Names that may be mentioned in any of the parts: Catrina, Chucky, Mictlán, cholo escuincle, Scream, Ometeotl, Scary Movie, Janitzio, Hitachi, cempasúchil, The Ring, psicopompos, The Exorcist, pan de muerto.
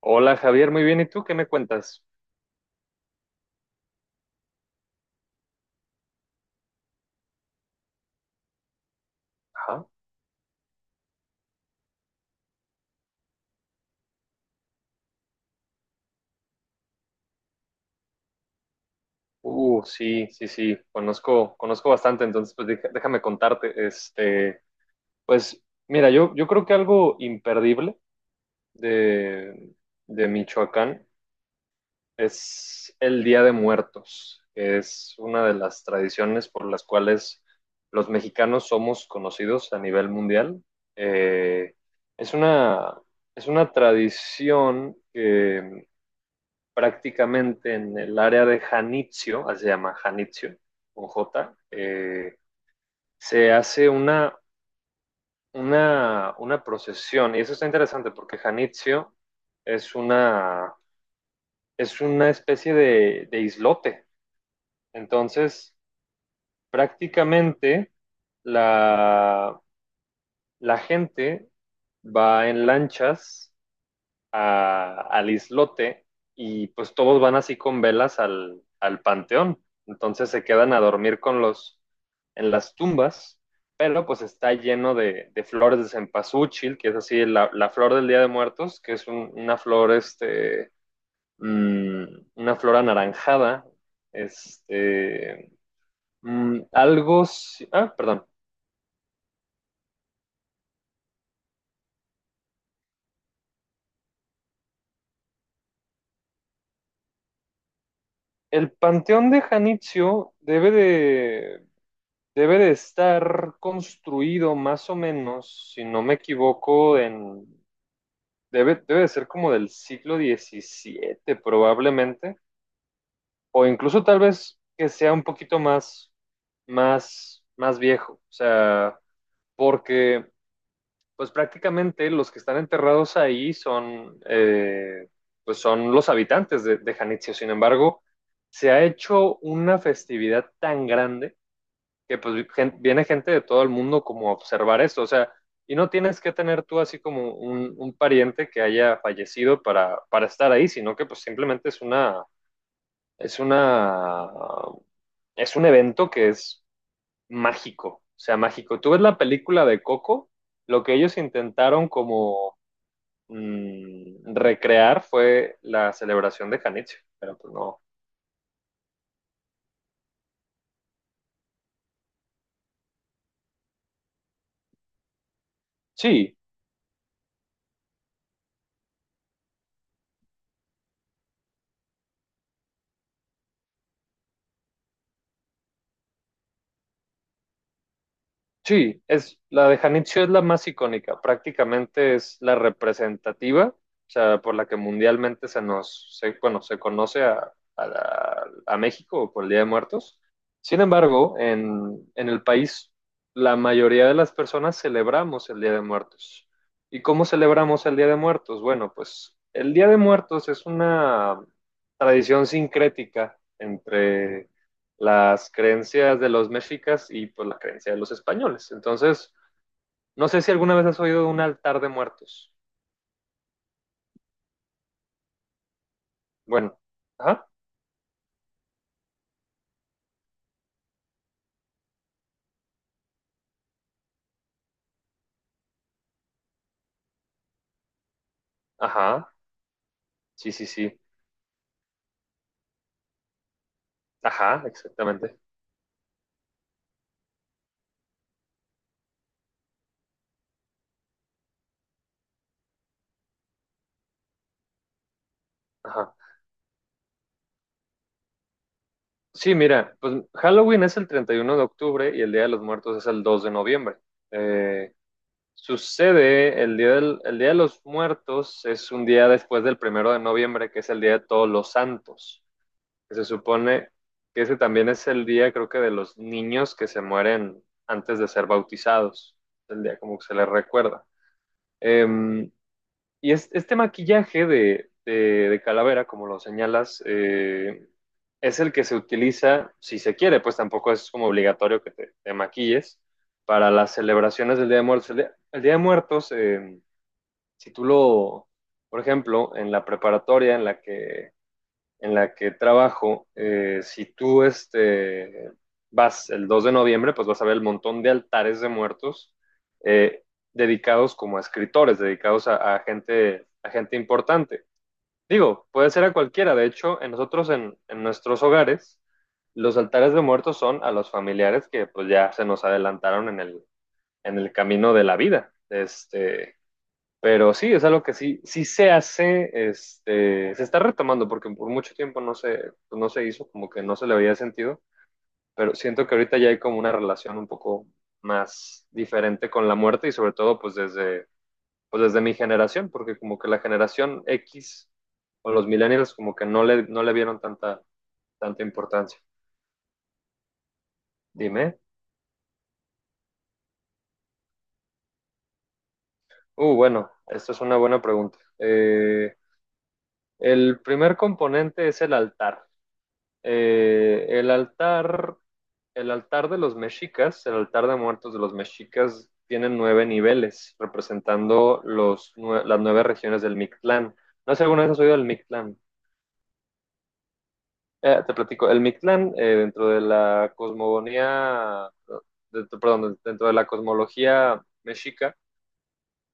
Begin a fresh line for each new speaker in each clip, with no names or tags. Hola Javier, muy bien. ¿Y tú qué me cuentas? Ajá. Sí, sí, sí. Conozco bastante, entonces pues déjame contarte. Pues mira, yo creo que algo imperdible de, de Michoacán es el Día de Muertos, que es una de las tradiciones por las cuales los mexicanos somos conocidos a nivel mundial. Eh, es una, es una tradición prácticamente en el área de Janitzio, así se llama Janitzio, con J, se hace una procesión. Y eso está interesante porque Janitzio es una, es una especie de islote. Entonces, prácticamente la, la gente va en lanchas al islote y pues todos van así con velas al panteón. Entonces se quedan a dormir en las tumbas, pero pues está lleno de flores de cempasúchil, que es así la flor del Día de Muertos, que es una flor, mmm, una flor anaranjada, este, algo, si, ah, perdón, el panteón de Janitzio debe de estar construido más o menos, si no me equivoco, en... debe de ser como del siglo XVII probablemente, o incluso tal vez que sea un poquito más viejo, o sea, porque pues prácticamente los que están enterrados ahí son, pues son los habitantes de Janitzio. Sin embargo, se ha hecho una festividad tan grande que pues viene gente de todo el mundo como a observar esto, o sea, y no tienes que tener tú así como un pariente que haya fallecido para estar ahí, sino que pues simplemente es una, es un evento que es mágico, o sea, mágico. Tú ves la película de Coco, lo que ellos intentaron como recrear fue la celebración de Janitzio, pero pues no. Sí, sí, es la de Janitzio es la más icónica, prácticamente es la representativa, o sea, por la que mundialmente bueno, se conoce a México por el Día de Muertos. Sin embargo, en el país, la mayoría de las personas celebramos el Día de Muertos. ¿Y cómo celebramos el Día de Muertos? Bueno, pues el Día de Muertos es una tradición sincrética entre las creencias de los mexicas y pues la creencia de los españoles. Entonces, no sé si alguna vez has oído de un altar de muertos. Bueno, ajá, ajá, sí, sí, sí, ajá, exactamente, ajá. Sí, mira, pues Halloween es el 31 de octubre y el Día de los Muertos es el 2 de noviembre. Eh, sucede, el día, el día de los Muertos es un día después del 1 de noviembre, que es el Día de Todos los Santos. Que se supone que ese también es el día, creo que, de los niños que se mueren antes de ser bautizados. El día como que se les recuerda. Em, y este maquillaje de calavera, como lo señalas, es el que se utiliza si se quiere, pues tampoco es como obligatorio que te maquilles para las celebraciones del Día de Muertos. El Día de Muertos, si por ejemplo, en la preparatoria en la que trabajo, si tú vas el 2 de noviembre, pues vas a ver el montón de altares de muertos eh, dedicados como a escritores, dedicados a gente, a gente importante. Digo, puede ser a cualquiera. De hecho, en nosotros, en nuestros hogares, los altares de muertos son a los familiares que pues ya se nos adelantaron en el camino de la vida. Pero sí, es algo que sí, sí se hace, se está retomando, porque por mucho tiempo no se, pues no se hizo, como que no se le había sentido, pero siento que ahorita ya hay como una relación un poco más diferente con la muerte y sobre todo pues desde mi generación, porque como que la generación X o los millennials como que no le vieron tanta, tanta importancia. Dime. Bueno, esta es una buena pregunta. El primer componente es el altar. Eh, el altar El altar de los mexicas, el altar de muertos de los mexicas, tiene nueve niveles, representando las nueve regiones del Mictlán. No sé si alguna vez has oído del Mictlán. Te platico, el Mictlán, dentro de la cosmogonía, perdón, dentro de la cosmología mexica,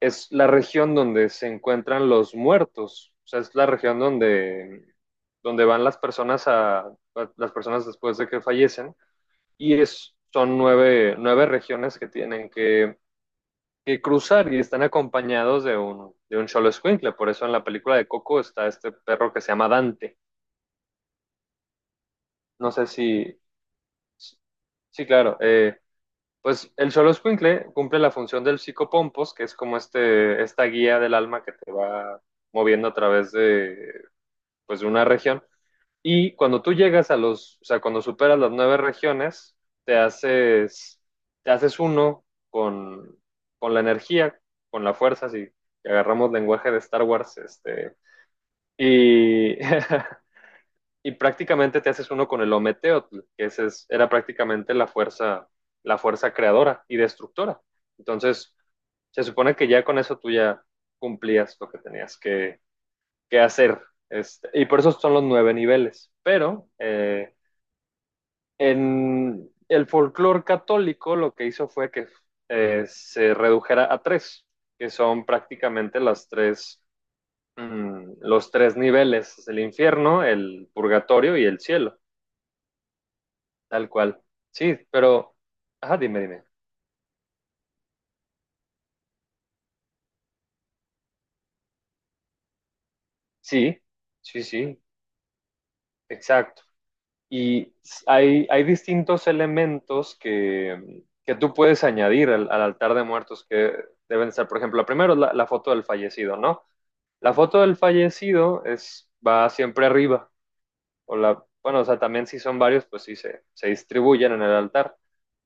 es la región donde se encuentran los muertos. O sea, es la región donde, donde van las personas las personas después de que fallecen y es, son nueve, nueve regiones que tienen que cruzar y están acompañados de de un cholo escuincle. Por eso en la película de Coco está este perro que se llama Dante. No sé si, sí, claro. Pues el cholo escuincle cumple la función del psicopompos, que es como este, esta guía del alma que te va moviendo a través de, pues, de una región. Y cuando tú llegas a los, o sea, cuando superas las nueve regiones, te haces, te haces uno con la energía, con la fuerza, si agarramos lenguaje de Star Wars, y, y prácticamente te haces uno con el Ometeotl, que era prácticamente la fuerza creadora y destructora. Entonces, se supone que ya con eso tú ya cumplías lo que tenías que hacer. Y por eso son los nueve niveles. Pero en el folclore católico lo que hizo fue que se redujera a tres, que son prácticamente los tres niveles, el infierno, el purgatorio y el cielo, tal cual. Sí, pero, ajá, dime, dime. Sí, sí, sí, exacto. Y hay distintos elementos que tú puedes añadir al altar de muertos que deben estar, por ejemplo, primero la foto del fallecido, ¿no? La foto del fallecido es, va siempre arriba. O la, bueno, o sea, también si son varios, pues sí se distribuyen en el altar.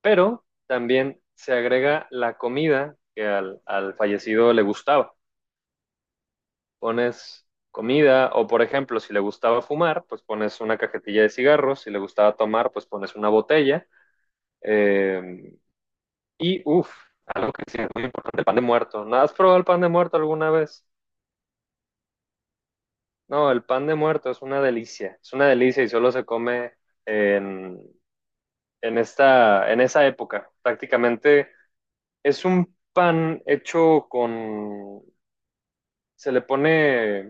Pero también se agrega la comida que al fallecido le gustaba. Pones comida o, por ejemplo, si le gustaba fumar, pues pones una cajetilla de cigarros. Si le gustaba tomar, pues pones una botella. Eh, y, uff, algo que sí es muy importante, el pan de muerto. ¿No ¿Has probado el pan de muerto alguna vez? No, el pan de muerto es una delicia y solo se come en, en esta, en esa época. Prácticamente es un pan hecho con, se le pone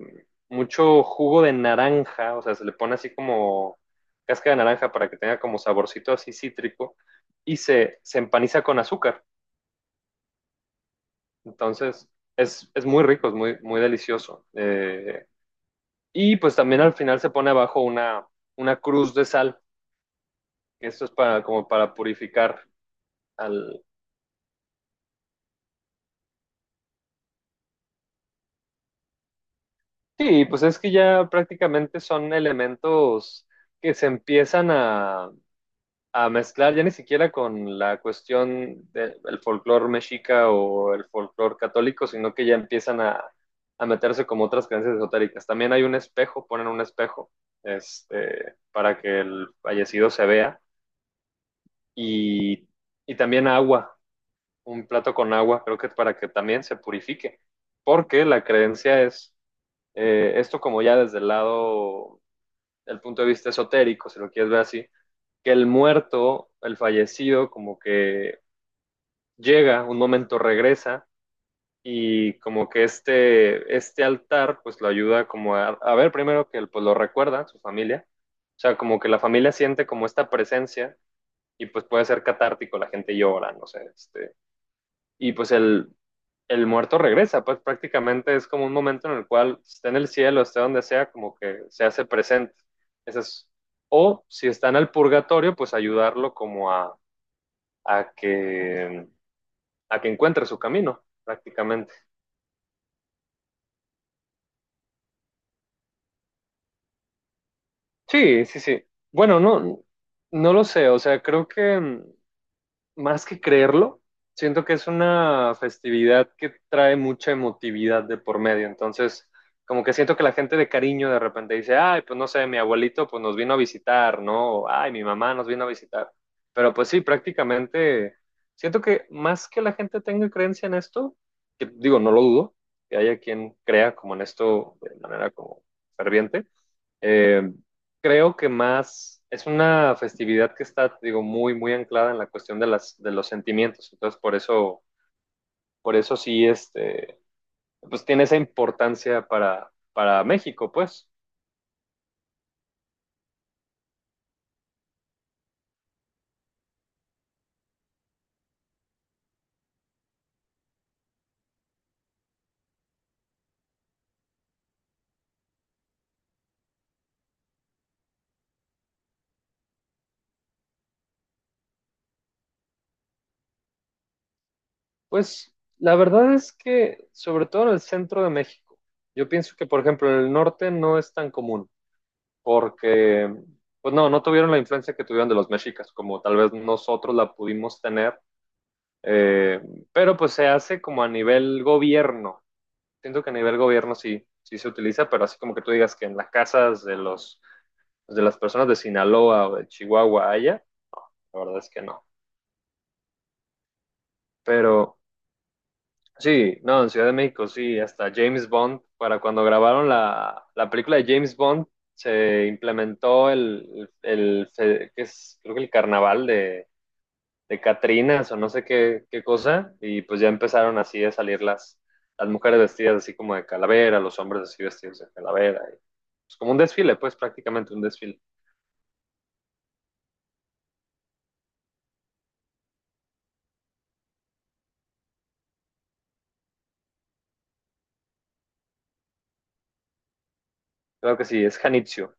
mucho jugo de naranja, o sea, se le pone así como cáscara de naranja para que tenga como saborcito así cítrico y se empaniza con azúcar. Entonces, es muy rico, es muy, muy delicioso. Y pues también al final se pone abajo una cruz de sal. Esto es para, como para purificar al... Sí, pues es que ya prácticamente son elementos que se empiezan a mezclar ya ni siquiera con la cuestión del folclore mexica o el folclore católico, sino que ya empiezan a meterse como otras creencias esotéricas. También hay un espejo, ponen un espejo para que el fallecido se vea y, y también agua. Un plato con agua, creo que para que también se purifique, porque la creencia es, esto como ya desde el lado, el punto de vista esotérico, si lo quieres ver así, que el muerto, el fallecido, como que llega, un momento regresa y como que este altar pues lo ayuda como a ver primero que él, pues lo recuerda, su familia, o sea, como que la familia siente como esta presencia y pues puede ser catártico, la gente llora, no sé, y pues el muerto regresa, pues prácticamente es como un momento en el cual esté en el cielo, esté donde sea, como que se hace presente. Ese es- o si está en el purgatorio, pues ayudarlo como a, a que, a que encuentre su camino, prácticamente. Sí, sí, sí. Bueno, no, no lo sé, o sea, creo que más que creerlo, siento que es una festividad que trae mucha emotividad de por medio. Entonces, como que siento que la gente de cariño de repente dice, ay, pues no sé, mi abuelito pues nos vino a visitar, ¿no? O, ay, mi mamá nos vino a visitar. Pero pues sí, prácticamente siento que más que la gente tenga creencia en esto, que digo, no lo dudo, que haya quien crea como en esto de manera como ferviente, eh, creo que más es una festividad que está, digo, muy, muy anclada en la cuestión de las, de los sentimientos. Entonces, por eso sí, pues tiene esa importancia para México, pues. Pues la verdad es que, sobre todo en el centro de México, yo pienso que, por ejemplo, en el norte no es tan común, porque, pues no, no tuvieron la influencia que tuvieron de los mexicas, como tal vez nosotros la pudimos tener, eh, pero pues se hace como a nivel gobierno. Siento que a nivel gobierno sí, sí se utiliza, pero así como que tú digas que en las casas de los de las personas de Sinaloa o de Chihuahua haya, la verdad es que no. Pero sí, no, en Ciudad de México sí, hasta James Bond, para cuando grabaron la película de James Bond, se implementó el que es, creo que el carnaval de Catrinas o no sé qué, qué cosa, y pues ya empezaron así a salir las mujeres vestidas así como de calavera, los hombres así vestidos de calavera, es como un desfile, pues prácticamente un desfile. Claro que sí, es Janitzio.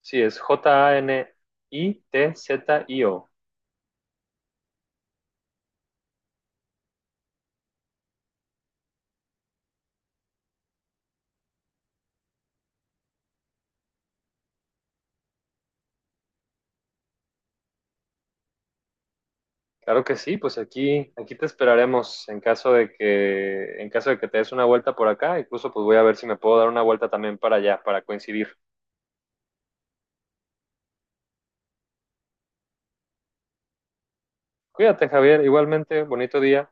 Sí, es Janitzio. Claro que sí, pues aquí te esperaremos en caso de que te des una vuelta por acá. Incluso pues voy a ver si me puedo dar una vuelta también para allá, para coincidir. Cuídate, Javier. Igualmente, bonito día.